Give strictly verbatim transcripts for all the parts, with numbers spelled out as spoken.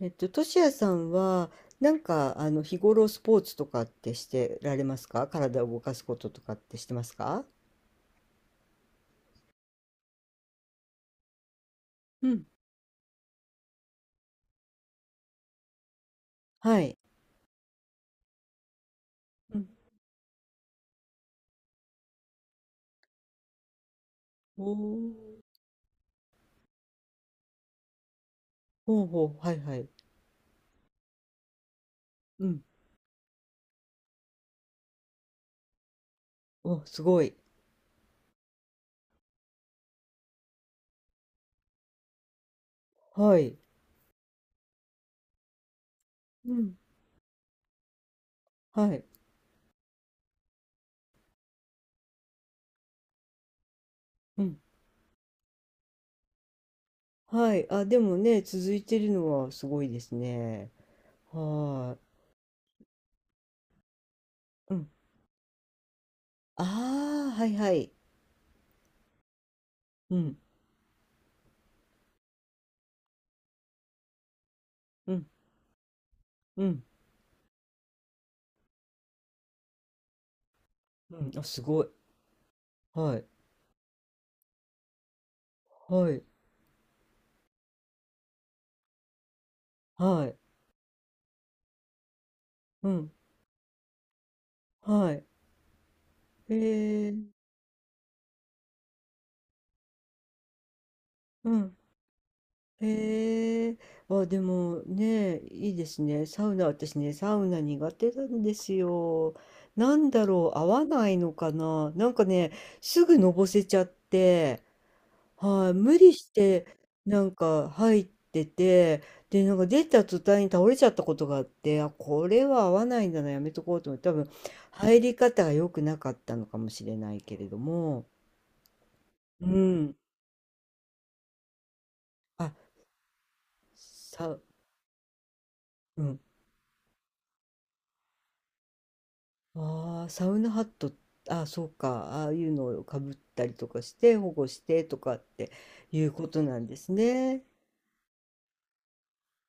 えっと、としやさんは、なんか、あの、日頃スポーツとかってしてられますか？体を動かすこととかってしてますか？うん。はい。うん。おーほうほう、はいはい。うん。お、すごい。はい。うん。はい。うん。はい。あ、でもね、続いてるのはすごいですね。はーい。うん。ああ、はいはい。うん。うん。うん。うん。あ、すごい。はい。はい。はい。うん。はい。えー。うん。へえ、あ、でもね、いいですね。サウナ、私ね、サウナ苦手なんですよ。なんだろう、合わないのかな。なんかね、すぐのぼせちゃって、はい、無理して、なんか入ってて、で、なんか出た途端に倒れちゃったことがあって、あ、これは合わないんだな、やめとこうと思って、多分、入り方が良くなかったのかもしれないけれども、うん、あ、さ、うん。ああ、サウナハット、ああ、そうか、ああいうのをかぶったりとかして保護してとかっていうことなんですね。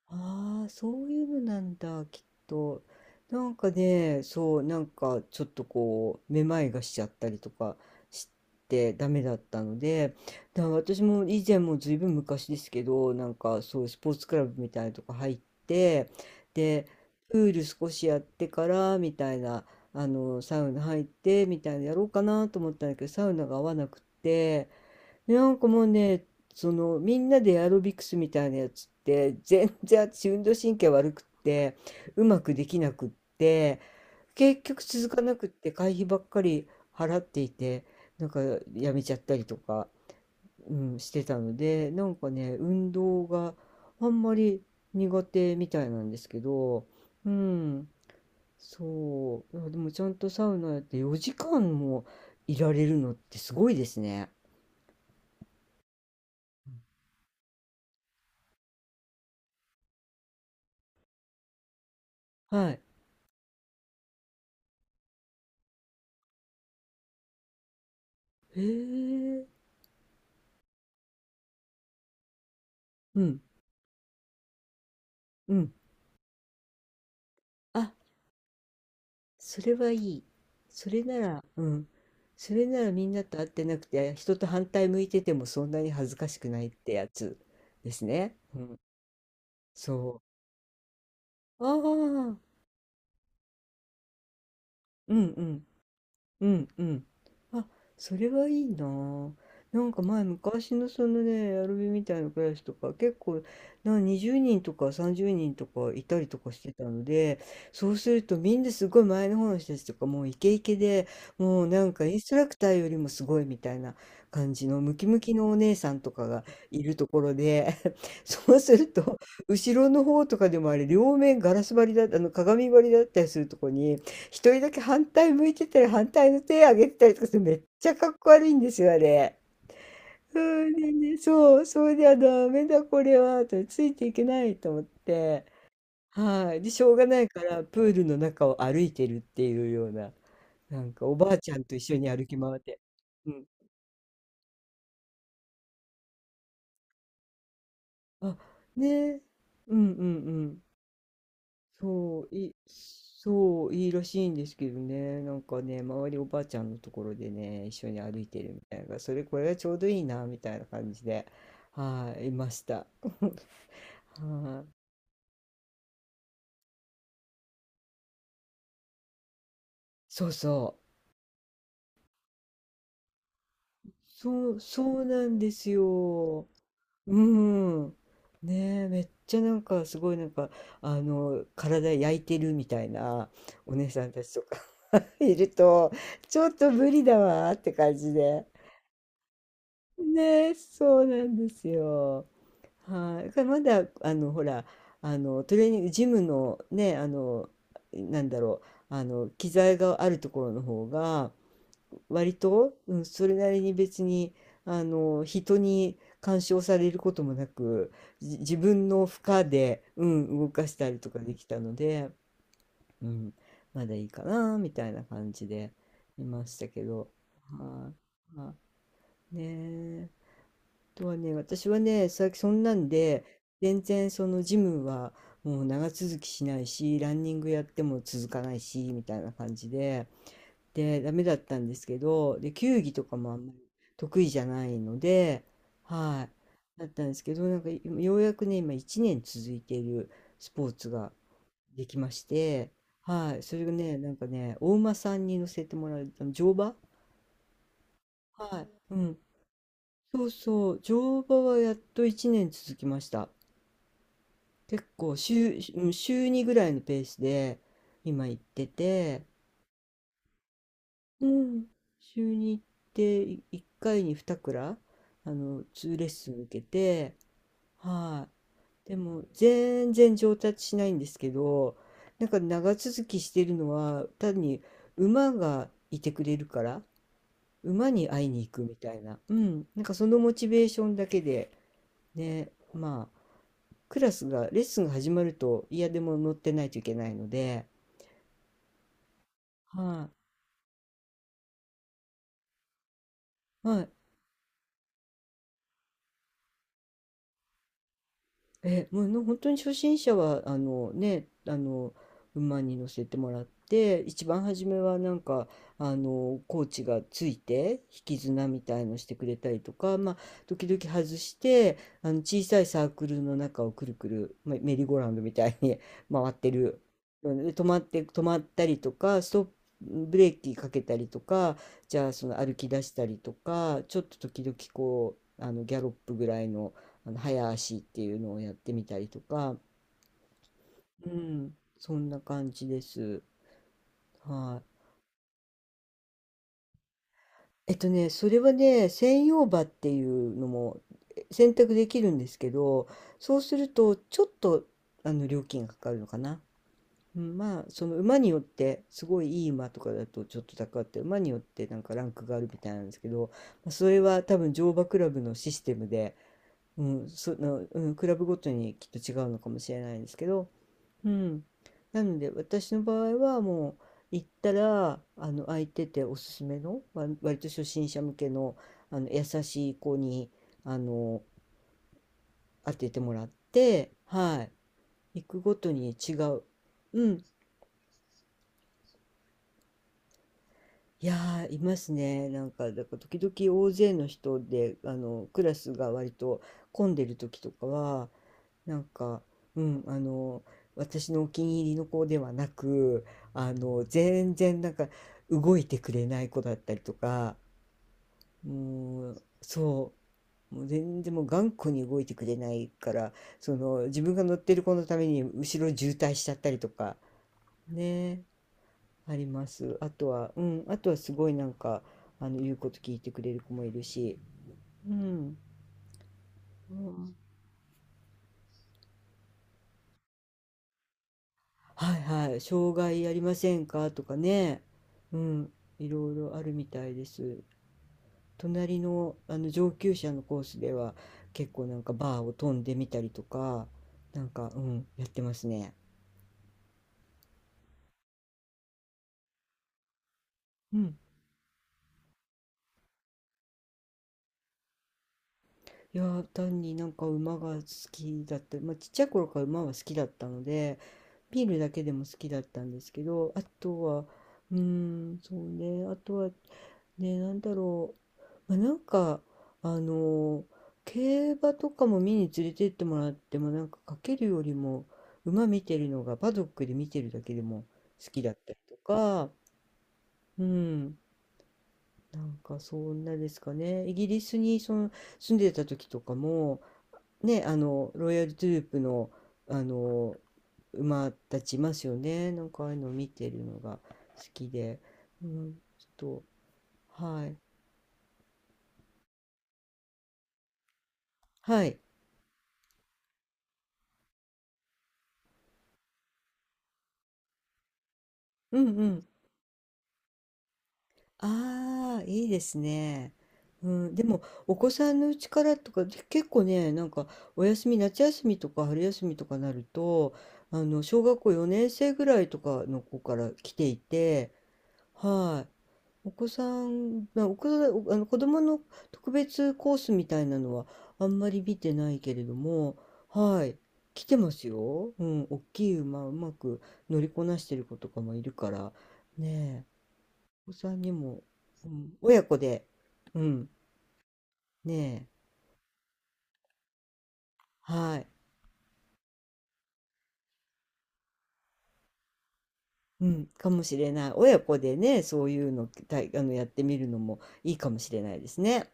ああ、そういうのなんだ、きっと。なんかね、そう、なんかちょっとこう、めまいがしちゃったりとかしてダメだったので、だから私も以前もずいぶん昔ですけど、なんかそうスポーツクラブみたいなとこ入って、で、プール少しやってからみたいな、あの、サウナ入ってみたいなやろうかなと思ったんだけど、サウナが合わなくって、なんかもうね、そのみんなでエアロビクスみたいなやつって全然私運動神経悪くって、うまくできなくって、結局続かなくって会費ばっかり払っていて、なんかやめちゃったりとか、うん、してたので、なんかね運動があんまり苦手みたいなんですけど、うん、そういやでもちゃんとサウナやってよじかんもいられるのってすごいですね。はい。へえ。うん、うん。あ、それはいい。それなら、うん。それならみんなと会ってなくて、人と反対向いててもそんなに恥ずかしくないってやつですね。うん。そう。ああ、うんうん。うんうん。あ、それはいいなあ。なんか前昔のそのね、アルビみたいなクラスとか結構なにじゅうにんとかさんじゅうにんとかいたりとかしてたので、そうするとみんなすごい前の方の人たちとかもうイケイケで、もうなんかインストラクターよりもすごいみたいな感じのムキムキのお姉さんとかがいるところで、そうすると後ろの方とかでもあれ両面ガラス張りだ、あの鏡張りだったりするとこに一人だけ反対向いてたり、反対の手上げてたりとかする、めっちゃかっこ悪いんですよ、あれ。うん、でね、そう、それではダメだこれは、と、ついていけないと思って、はい。で、しょうがないから、プールの中を歩いてるっていうような、なんかおばあちゃんと一緒に歩き回って。うん。あ、ねえ、うんうんうん。そう、い、そう、いいらしいんですけどね、なんかね、周りおばあちゃんのところでね、一緒に歩いてるみたいな、それ、これがちょうどいいな、みたいな感じで、はい、いました。はい、そうそう、そう、そうなんですよ。うん。ねえ、めっちゃなんか、すごいなんか、あの、体焼いてるみたいなお姉さんたちとか いると、ちょっと無理だわーって感じで。ね、そうなんですよ。はい。だからまだ、あの、ほら、あの、トレーニング、ジムのね、あの、なんだろう、あの、機材があるところの方が、割と、うん、それなりに別に、あの、人に干渉されることもなく、じ自分の負荷で、うん、動かしたりとかできたので、うん、まだいいかな、みたいな感じでいましたけど、はい。まあ、ねえ。とはね、私はね、さそんなんで、全然そのジムはもう長続きしないし、ランニングやっても続かないし、みたいな感じで、で、ダメだったんですけど、で、球技とかもあんまり得意じゃないので、はい、だったんですけど、なんかようやくね、今いちねん続いているスポーツができまして、はい、それがね、なんかね、お馬さんに乗せてもらう、あの乗馬はい、うん。そうそう、乗馬はやっといちねん続きました。結構週、うん週にぐらいのペースで今行ってて、うん、週に行っていいっかいににクラ、あの、ーレッスン受けて、はい。でも全然上達しないんですけど、なんか長続きしてるのは単に馬がいてくれるから、馬に会いに行くみたいな。うん。なんかそのモチベーションだけで、ね、まあ、クラスが、レッスンが始まると、いやでも乗ってないといけないので、はい、はい、え、もうの本当に初心者はあのね、あの馬に乗せてもらって、一番初めはなんかあのコーチがついて引き綱みたいのしてくれたりとか、まあ時々外して、あの小さいサークルの中をくるくる、まあ、メリーゴーラウンドみたいに 回ってる。で止まって止まったりとか、ストップブレーキかけたりとか、じゃあその歩き出したりとか、ちょっと時々こうあのギャロップぐらいの。あの早足っていうのをやってみたりとか、うん、そんな感じです。はい。えっとね、それはね、専用馬っていうのもえ選択できるんですけど、そうするとちょっとあの料金がかかるのかな。うん、まあ、その馬によって、すごいいい馬とかだとちょっと高くて、馬によってなんかランクがあるみたいなんですけど、まあそれは多分乗馬クラブのシステムで、うん、その、うん、クラブごとにきっと違うのかもしれないですけど、うん。なので私の場合はもう行ったらあの空いてておすすめのわ割と初心者向けの、あの優しい子にあの当ててもらってはい行くごとに違う。うん。いやーいますね。なんか、だから時々大勢の人であのクラスが割と混んでる時とかはなんか、うん、あの、私のお気に入りの子ではなく、あの、全然なんか動いてくれない子だったりとか、もう、そう、もう全然もう頑固に動いてくれないから、その、自分が乗ってる子のために後ろ渋滞しちゃったりとか、ね、あります。あとは、うん、あとはすごいなんか、あの、言うこと聞いてくれる子もいるし、うん、うんはいはい、障害ありませんかとかね、うん、いろいろあるみたいです。隣の、あの上級者のコースでは結構なんかバーを飛んでみたりとか、なんか、うん、やってますね。うん。いやー単になんか馬が好きだった、まあ、ちっちゃい頃から馬は好きだったので、ビールだけでも好きだったんですけど、あとは、うーん、そうね、あとは、ね、なんだろう、まあ、なんか、あの、競馬とかも見に連れてってもらっても、なんかかけるよりも、馬見てるのが、パドックで見てるだけでも好きだったりとか、うん、なんかそんなですかね。イギリスにその住んでた時とかも、ね、あの、ロイヤルトゥループの、あの馬たちいますよね。なんかああいうのを見てるのが好きで。うん、ちょっと、はい。はい。うんうん。ああ、いいですね。うん、でも、お子さんのうちからとか、で結構ね、なんか、お休み、夏休みとか春休みとかなると、あの、小学校よねん生ぐらいとかの子から来ていて、はい。お子さん、まあ、お子さん、おあの子供の特別コースみたいなのはあんまり見てないけれども、はい、来てますよ。うん、大きい馬うまく乗りこなしてる子とかもいるから、ねえ、お子さんにも、うん、親子で、うん、ねえ、はい、うん、かもしれない。親子でね、そういうの、たいあの、やってみるのもいいかもしれないですね。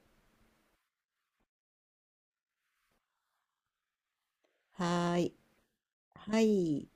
はーい、はい。